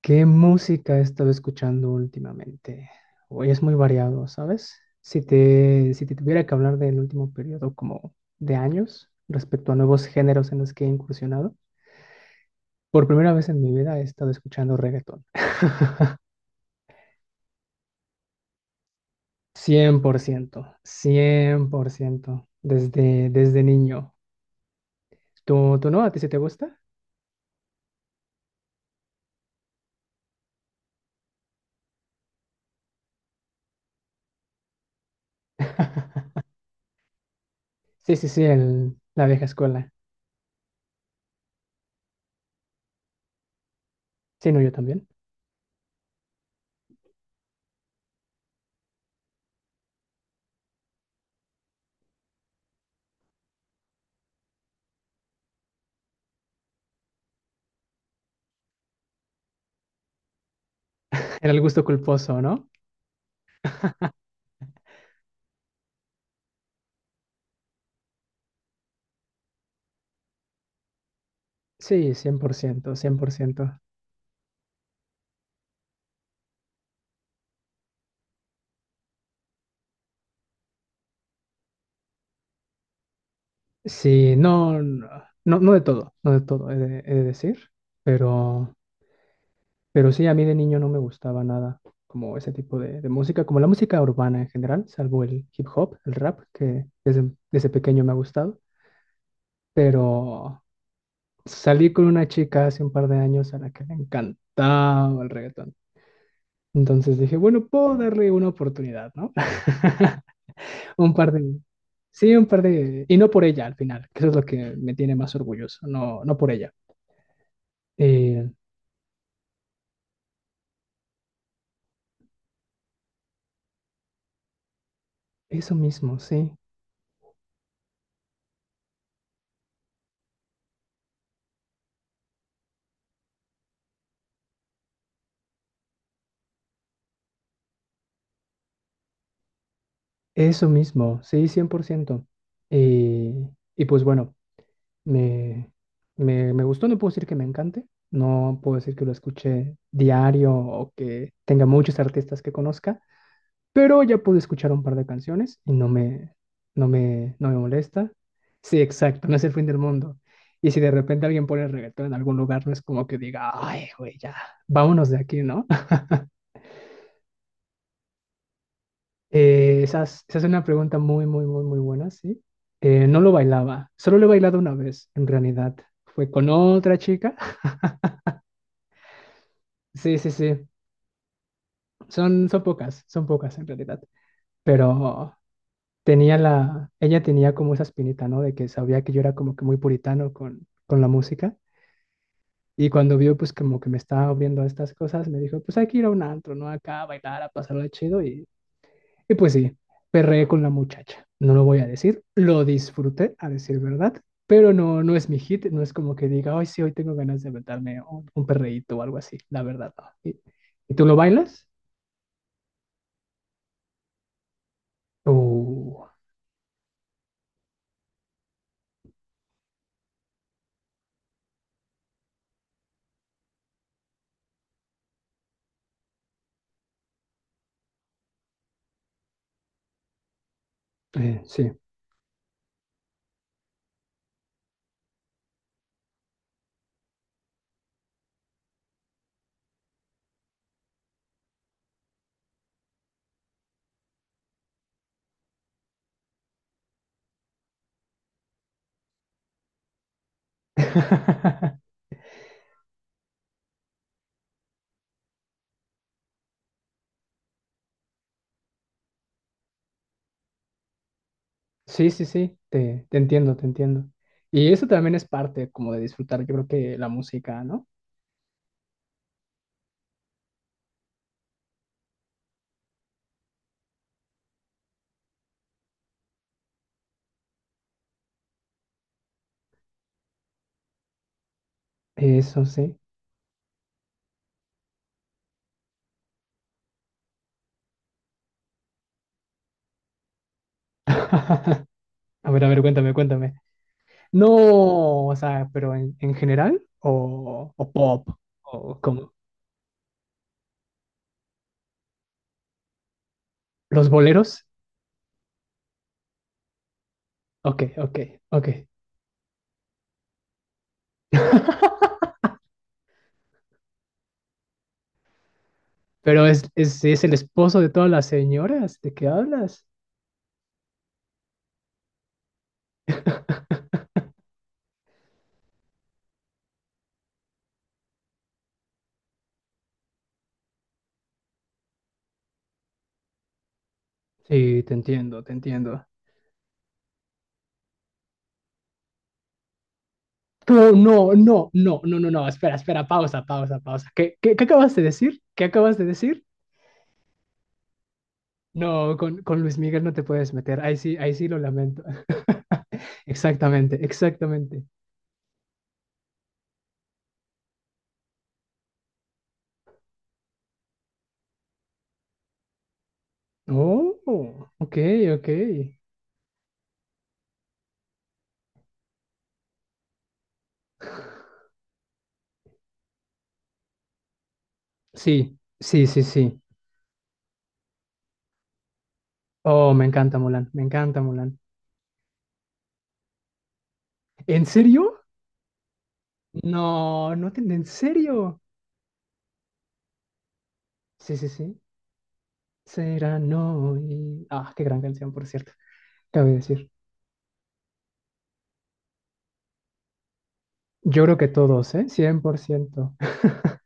¿Qué música he estado escuchando últimamente? Hoy es muy variado, ¿sabes? Si te tuviera que hablar del último periodo como de años respecto a nuevos géneros en los que he incursionado, por primera vez en mi vida he estado escuchando reggaetón. Cien por ciento. Cien por ciento, desde niño. ¿Tú no? ¿A ti sí te gusta? Sí, sí, sí, la vieja escuela. Sí, no, yo también. Era el gusto culposo, ¿no? Sí, cien por ciento cien por ciento. Sí, no, no, no de todo, no de todo, he de decir, pero... Pero sí, a mí de niño no me gustaba nada como ese tipo de música, como la música urbana en general, salvo el hip hop, el rap, que desde pequeño me ha gustado. Pero salí con una chica hace un par de años a la que le encantaba el reggaetón. Entonces dije, bueno, puedo darle una oportunidad, ¿no? Un par de... Sí, un par de... Y no por ella al final, que eso es lo que me tiene más orgulloso, no, no por ella. Eh, Eso mismo, sí. Eso mismo, sí, 100%. Y, y pues bueno, me, me gustó, no puedo decir que me encante, no puedo decir que lo escuché diario o que tenga muchos artistas que conozca, pero ya pude escuchar un par de canciones y no me, no me molesta. Sí, exacto, no es el fin del mundo. Y si de repente alguien pone reggaetón en algún lugar, no es como que diga, ay, güey, ya, vámonos de aquí, ¿no? Esa es una pregunta muy, muy, muy, muy buena, sí. No lo bailaba, solo lo he bailado una vez, en realidad. Fue con otra chica. Sí, sí, sí. Son, son pocas en realidad. Pero ella tenía como esa espinita, ¿no? De que sabía que yo era como que muy puritano con la música. Y cuando vio, pues como que me estaba abriendo a estas cosas, me dijo, pues hay que ir a un antro, ¿no? Acá a bailar, a pasarlo de chido. Y pues sí, perreé con la muchacha. No lo voy a decir, lo disfruté, a decir verdad, pero no, no es mi hit, no es como que diga, ay, sí, hoy tengo ganas de aventarme un perreíto o algo así, la verdad, no. Y tú lo bailas? Uh, sí. Sí, sí, sí, te entiendo, te entiendo. Y eso también es parte como de disfrutar, yo creo que la música, ¿no? Eso sí. A a ver, cuéntame, cuéntame. No, o sea, pero en general, o pop, o como los boleros. Ok, ok, ok. Pero es el esposo de todas las señoras, ¿de qué hablas? Sí, te entiendo, te entiendo. No, no, no, no, no, no, no, espera, espera, pausa, pausa, pausa. Qué acabas de decir? ¿Qué acabas de decir? No, con Luis Miguel no te puedes meter, ahí sí lo lamento. Exactamente, exactamente. Oh, ok, ok. Sí, sí, sí, sí. Oh, me encanta Mulan, me encanta Mulan. ¿En serio? No, no te, ¿en serio? Sí, sí, sí. Será no y... Ah, qué gran canción, por cierto. Cabe decir. Yo creo que todos, ¿eh? Cien por ciento.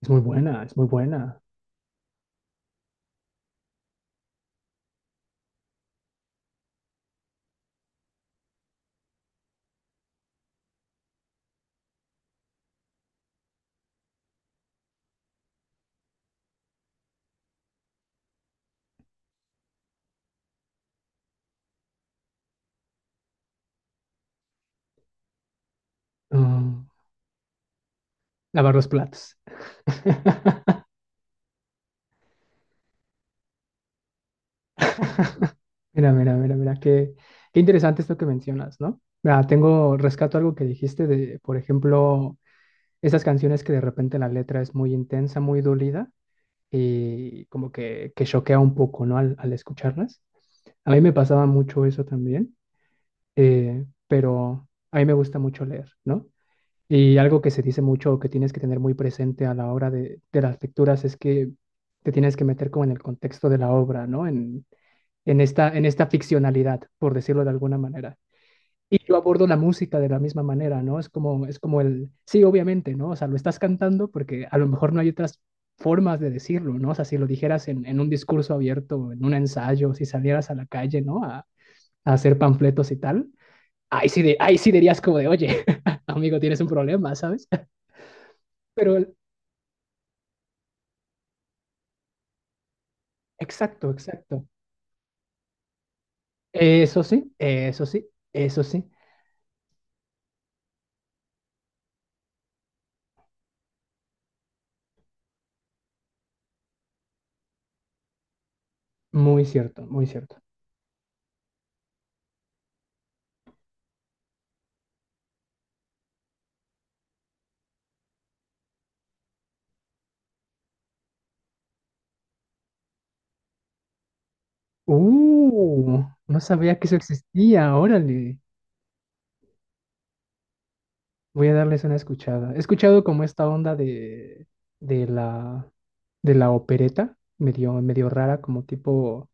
Es muy buena, es muy buena. Ah, lavar los platos. Mira, mira, mira, mira, qué interesante esto que mencionas, ¿no? Mira, tengo, rescato algo que dijiste de, por ejemplo, esas canciones que de repente la letra es muy intensa, muy dolida y como que choquea un poco, ¿no? Al escucharlas. A mí me pasaba mucho eso también, pero a mí me gusta mucho leer, ¿no? Y algo que se dice mucho, que tienes que tener muy presente a la hora de las lecturas, es que te tienes que meter como en el contexto de la obra, ¿no? En esta ficcionalidad, por decirlo de alguna manera. Y yo abordo la música de la misma manera, ¿no? Es como el, sí, obviamente, ¿no? O sea, lo estás cantando porque a lo mejor no hay otras formas de decirlo, ¿no? O sea, si lo dijeras en un discurso abierto, en un ensayo, si salieras a la calle, ¿no? A hacer panfletos y tal, ahí sí, de, ahí sí dirías como de, oye, amigo, tienes un problema, ¿sabes? Pero exacto, exacto. Eso sí, eso sí, eso sí. Muy cierto, muy cierto. No sabía que eso existía. Órale, voy a darles una escuchada. He escuchado como esta onda de, de la, de la opereta, medio, medio rara, como tipo,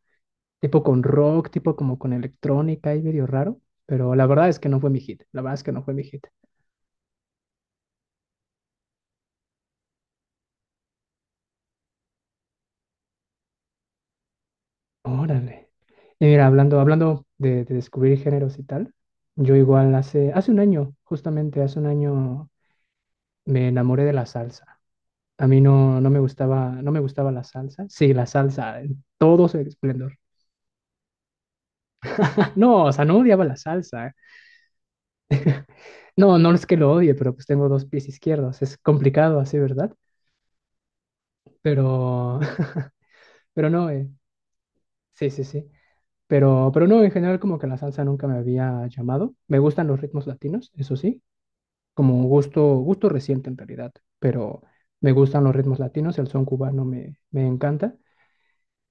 tipo con rock, tipo como con electrónica y medio raro. Pero la verdad es que no fue mi hit. La verdad es que no fue mi hit. Órale. Y mira, hablando, hablando de descubrir géneros y tal, yo igual hace, hace un año, justamente hace un año, me enamoré de la salsa. A mí no, no me gustaba la salsa. Sí, la salsa, en todo su esplendor. No, o sea, no odiaba la salsa. ¿Eh? No, no es que lo odie, pero pues tengo dos pies izquierdos. Es complicado así, ¿verdad? Pero, pero no, sí, sí, sí. Pero no, en general como que la salsa nunca me había llamado. Me gustan los ritmos latinos, eso sí, como un gusto, gusto reciente en realidad, pero me gustan los ritmos latinos, el son cubano me encanta.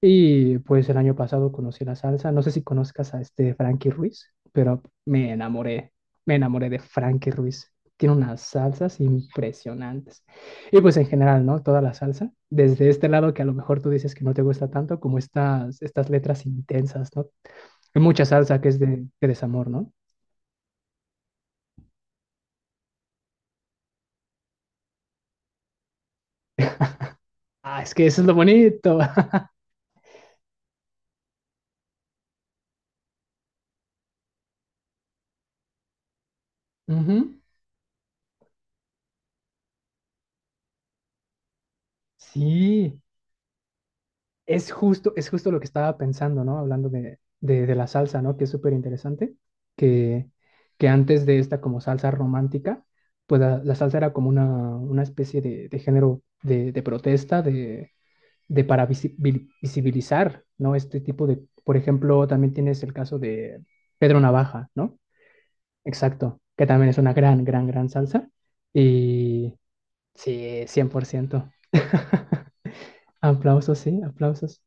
Y pues el año pasado conocí la salsa, no sé si conozcas a este Frankie Ruiz, pero me enamoré de Frankie Ruiz. Tiene unas salsas impresionantes. Y pues en general, ¿no? Toda la salsa, desde este lado que a lo mejor tú dices que no te gusta tanto, como estas, estas letras intensas, ¿no? Hay mucha salsa que es de desamor, ¿no? Ah, es que eso es lo bonito. Ujú. Sí. Es justo lo que estaba pensando, ¿no? Hablando de la salsa, ¿no? Que es súper interesante, que, que antes de esta como salsa romántica, pues la salsa era como una especie de género de protesta, de para visibilizar, ¿no? Este tipo de, por ejemplo, también tienes el caso de Pedro Navaja, ¿no? Exacto, que también es una gran, gran, gran salsa. Y sí, cien por ciento. Aplausos.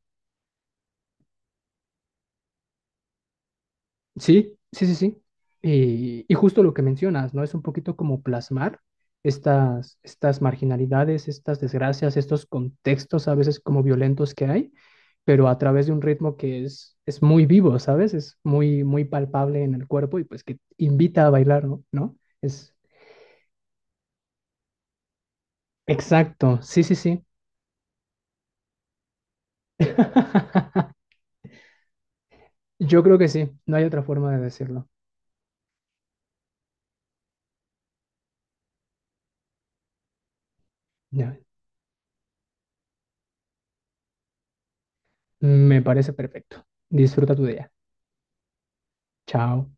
Sí, sí, sí, sí. Y justo lo que mencionas, ¿no? Es un poquito como plasmar estas, estas marginalidades, estas desgracias, estos contextos a veces como violentos que hay, pero a través de un ritmo que es muy vivo, ¿sabes? Es muy, muy palpable en el cuerpo y pues que invita a bailar, ¿no? ¿No? Es exacto, sí, sí, sí. Yo creo que sí, no hay otra forma de decirlo. Ya, me parece perfecto. Disfruta tu día. Chao.